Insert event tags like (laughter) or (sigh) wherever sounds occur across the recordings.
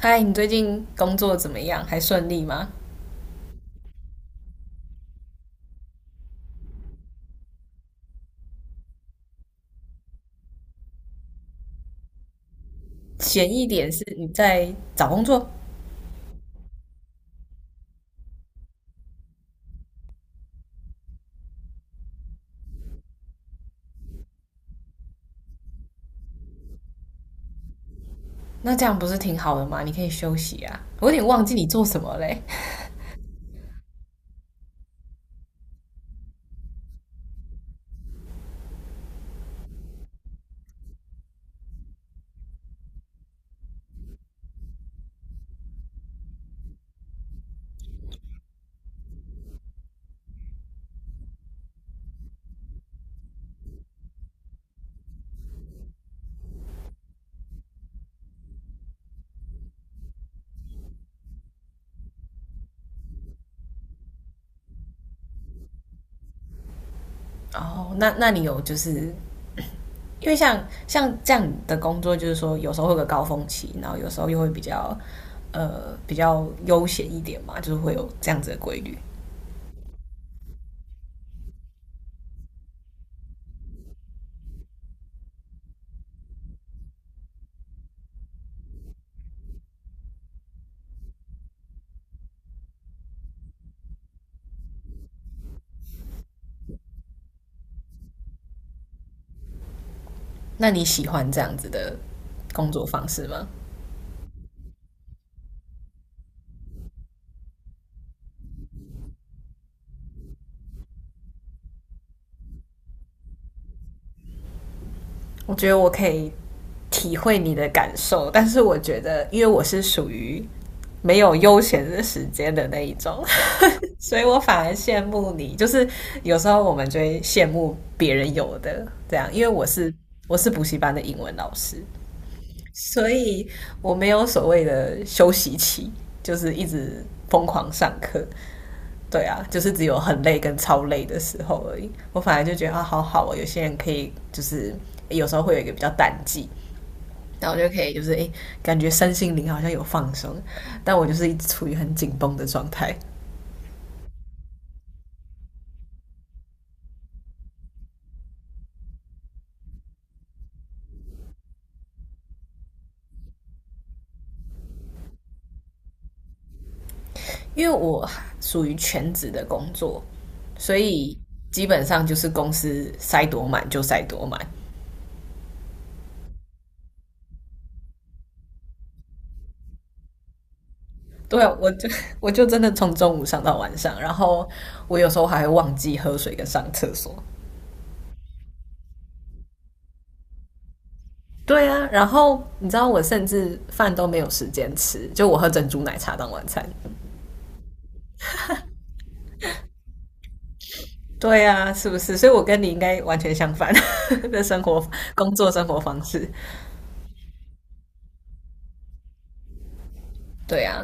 嗨，你最近工作怎么样？还顺利吗？闲一点是你在找工作，那这样不是挺好的吗？你可以休息啊。我有点忘记你做什么嘞。哦，那你有就是因为像这样的工作，就是说有时候会有个高峰期，然后有时候又会比较比较悠闲一点嘛，就是会有这样子的规律。那你喜欢这样子的工作方式吗？我觉得我可以体会你的感受，但是我觉得，因为我是属于没有悠闲的时间的那一种 (laughs)，所以我反而羡慕你。就是有时候我们就会羡慕别人有的这样，因为我是补习班的英文老师，所以我没有所谓的休息期，就是一直疯狂上课。对啊，就是只有很累跟超累的时候而已。我反而就觉得啊，好好哦，有些人可以就是有时候会有一个比较淡季，然后就可以就是诶，感觉身心灵好像有放松，但我就是一直处于很紧绷的状态，因为我属于全职的工作，所以基本上就是公司塞多满就塞多满。对啊，我就 (laughs) 我就真的从中午上到晚上，然后我有时候还会忘记喝水跟上厕所，对啊，然后你知道我甚至饭都没有时间吃，就我喝珍珠奶茶当晚餐。对啊，是不是？所以我跟你应该完全相反 (laughs) 的生活、工作生活方式。对啊，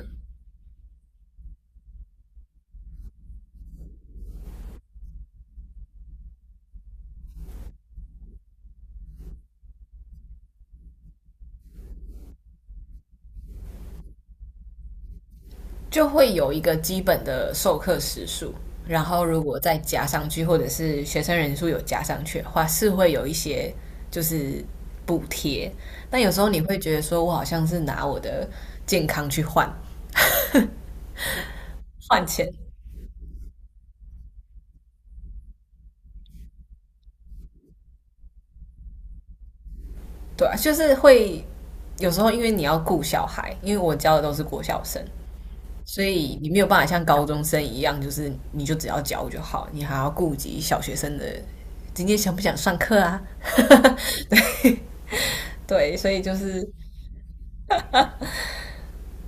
就会有一个基本的授课时数，然后如果再加上去，或者是学生人数有加上去的话，是会有一些就是补贴。但有时候你会觉得说，我好像是拿我的健康去换钱，对啊，就是会有时候因为你要顾小孩，因为我教的都是国小生，所以你没有办法像高中生一样，就是你就只要教就好，你还要顾及小学生的今天想不想上课啊？(laughs) 对对，所以就是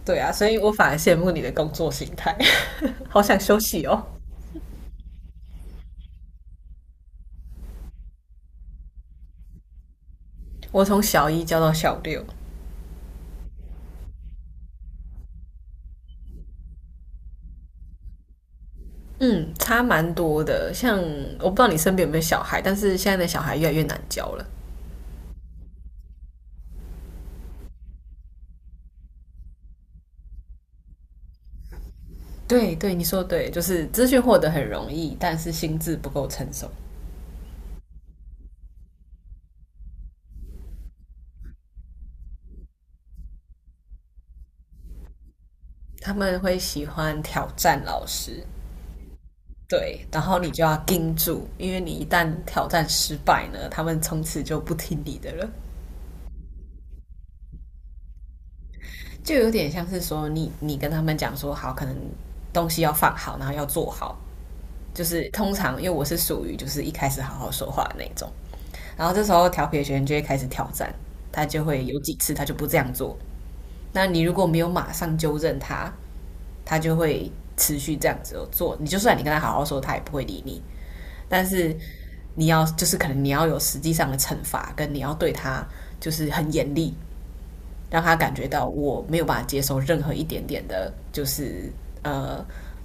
对啊，所以我反而羡慕你的工作形态，(laughs) 好想休息哦。我从小一教到小六，嗯，差蛮多的。像我不知道你身边有没有小孩，但是现在的小孩越来越难教了。对对，你说对，就是资讯获得很容易，但是心智不够成熟，他们会喜欢挑战老师。对，然后你就要盯住，因为你一旦挑战失败呢，他们从此就不听你的了，就有点像是说你跟他们讲说好，可能东西要放好，然后要做好，就是通常因为我是属于就是一开始好好说话的那种，然后这时候调皮的学生就会开始挑战，他就会有几次他就不这样做，那你如果没有马上纠正他，他就会持续这样子做。你就算你跟他好好说，他也不会理你。但是你要就是可能你要有实际上的惩罚，跟你要对他就是很严厉，让他感觉到我没有办法接受任何一点点的，就是呃，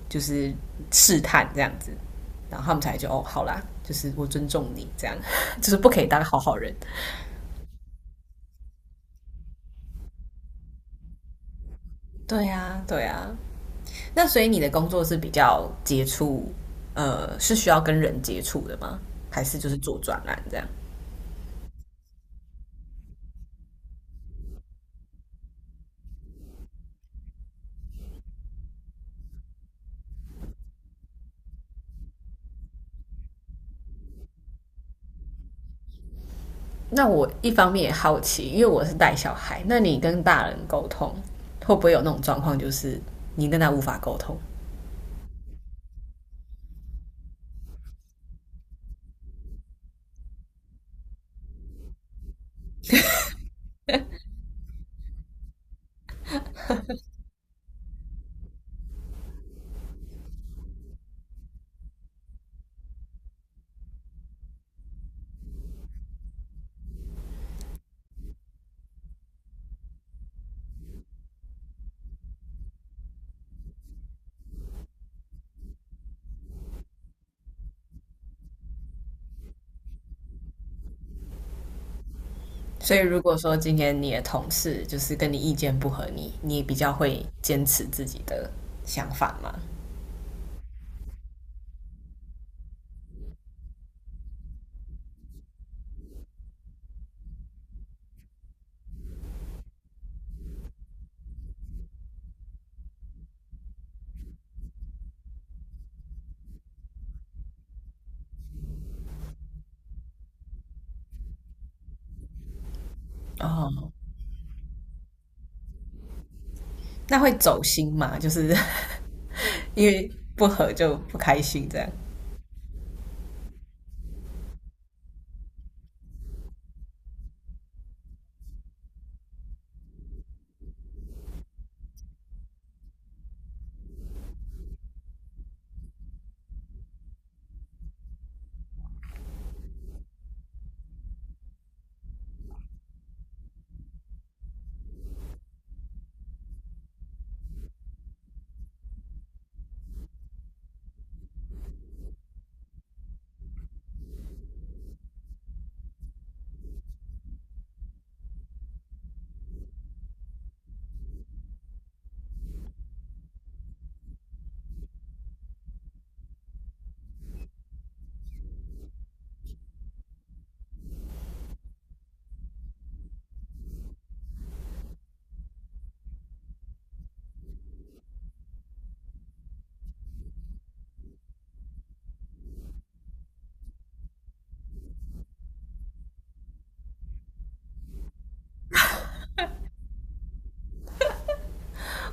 就是试探这样子。然后他们才就哦，好啦，就是我尊重你这样，(laughs) 就是不可以当好好人。对呀、对呀、那所以你的工作是比较接触，呃，是需要跟人接触的吗？还是就是做专栏这样？那我一方面也好奇，因为我是带小孩，那你跟大人沟通会不会有那种状况，就是你跟他无法沟通？所以如果说今天你的同事就是跟你意见不合你，你比较会坚持自己的想法吗？哦，那会走心吗？就是 (laughs) 因为不合就不开心这样。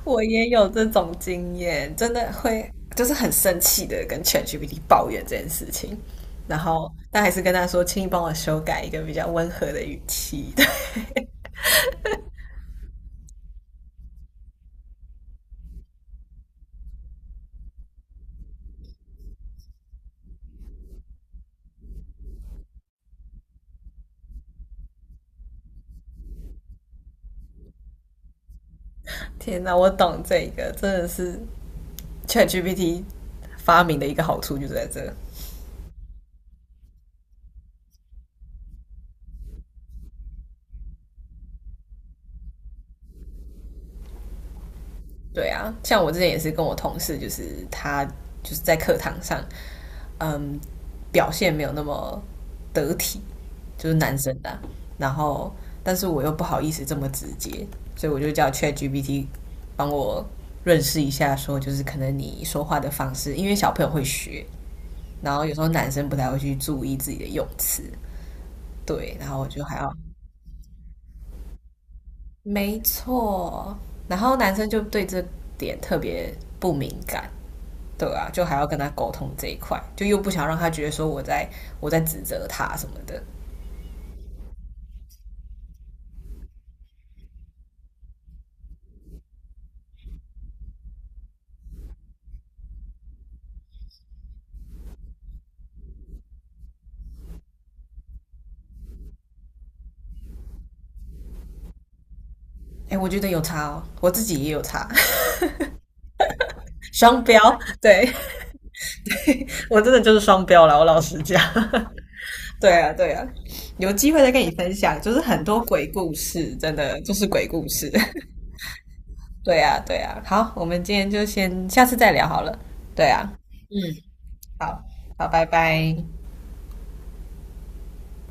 我也有这种经验，真的会就是很生气的跟 ChatGPT 抱怨这件事情，然后但还是跟他说，请你帮我修改一个比较温和的语气。(laughs) 对，天哪，我懂这个，真的是 ChatGPT 发明的一个好处就在这。对啊，像我之前也是跟我同事，就是他就是在课堂上，嗯，表现没有那么得体，就是男生的啊然后，但是我又不好意思这么直接，所以我就叫 ChatGPT 帮我认识一下，说就是可能你说话的方式，因为小朋友会学，然后有时候男生不太会去注意自己的用词，对，然后我就还要，没错，然后男生就对这点特别不敏感。对啊，就还要跟他沟通这一块，就又不想让他觉得说我在指责他什么的，哎，我觉得有差哦，我自己也有差，(laughs) 双标。对 (laughs) 我真的就是双标了，我老实讲。(laughs) 对啊，对啊，有机会再跟你分享，就是很多鬼故事，真的就是鬼故事。(laughs) 对啊，对啊。好，我们今天就先下次再聊好了。对啊，好，好，拜拜。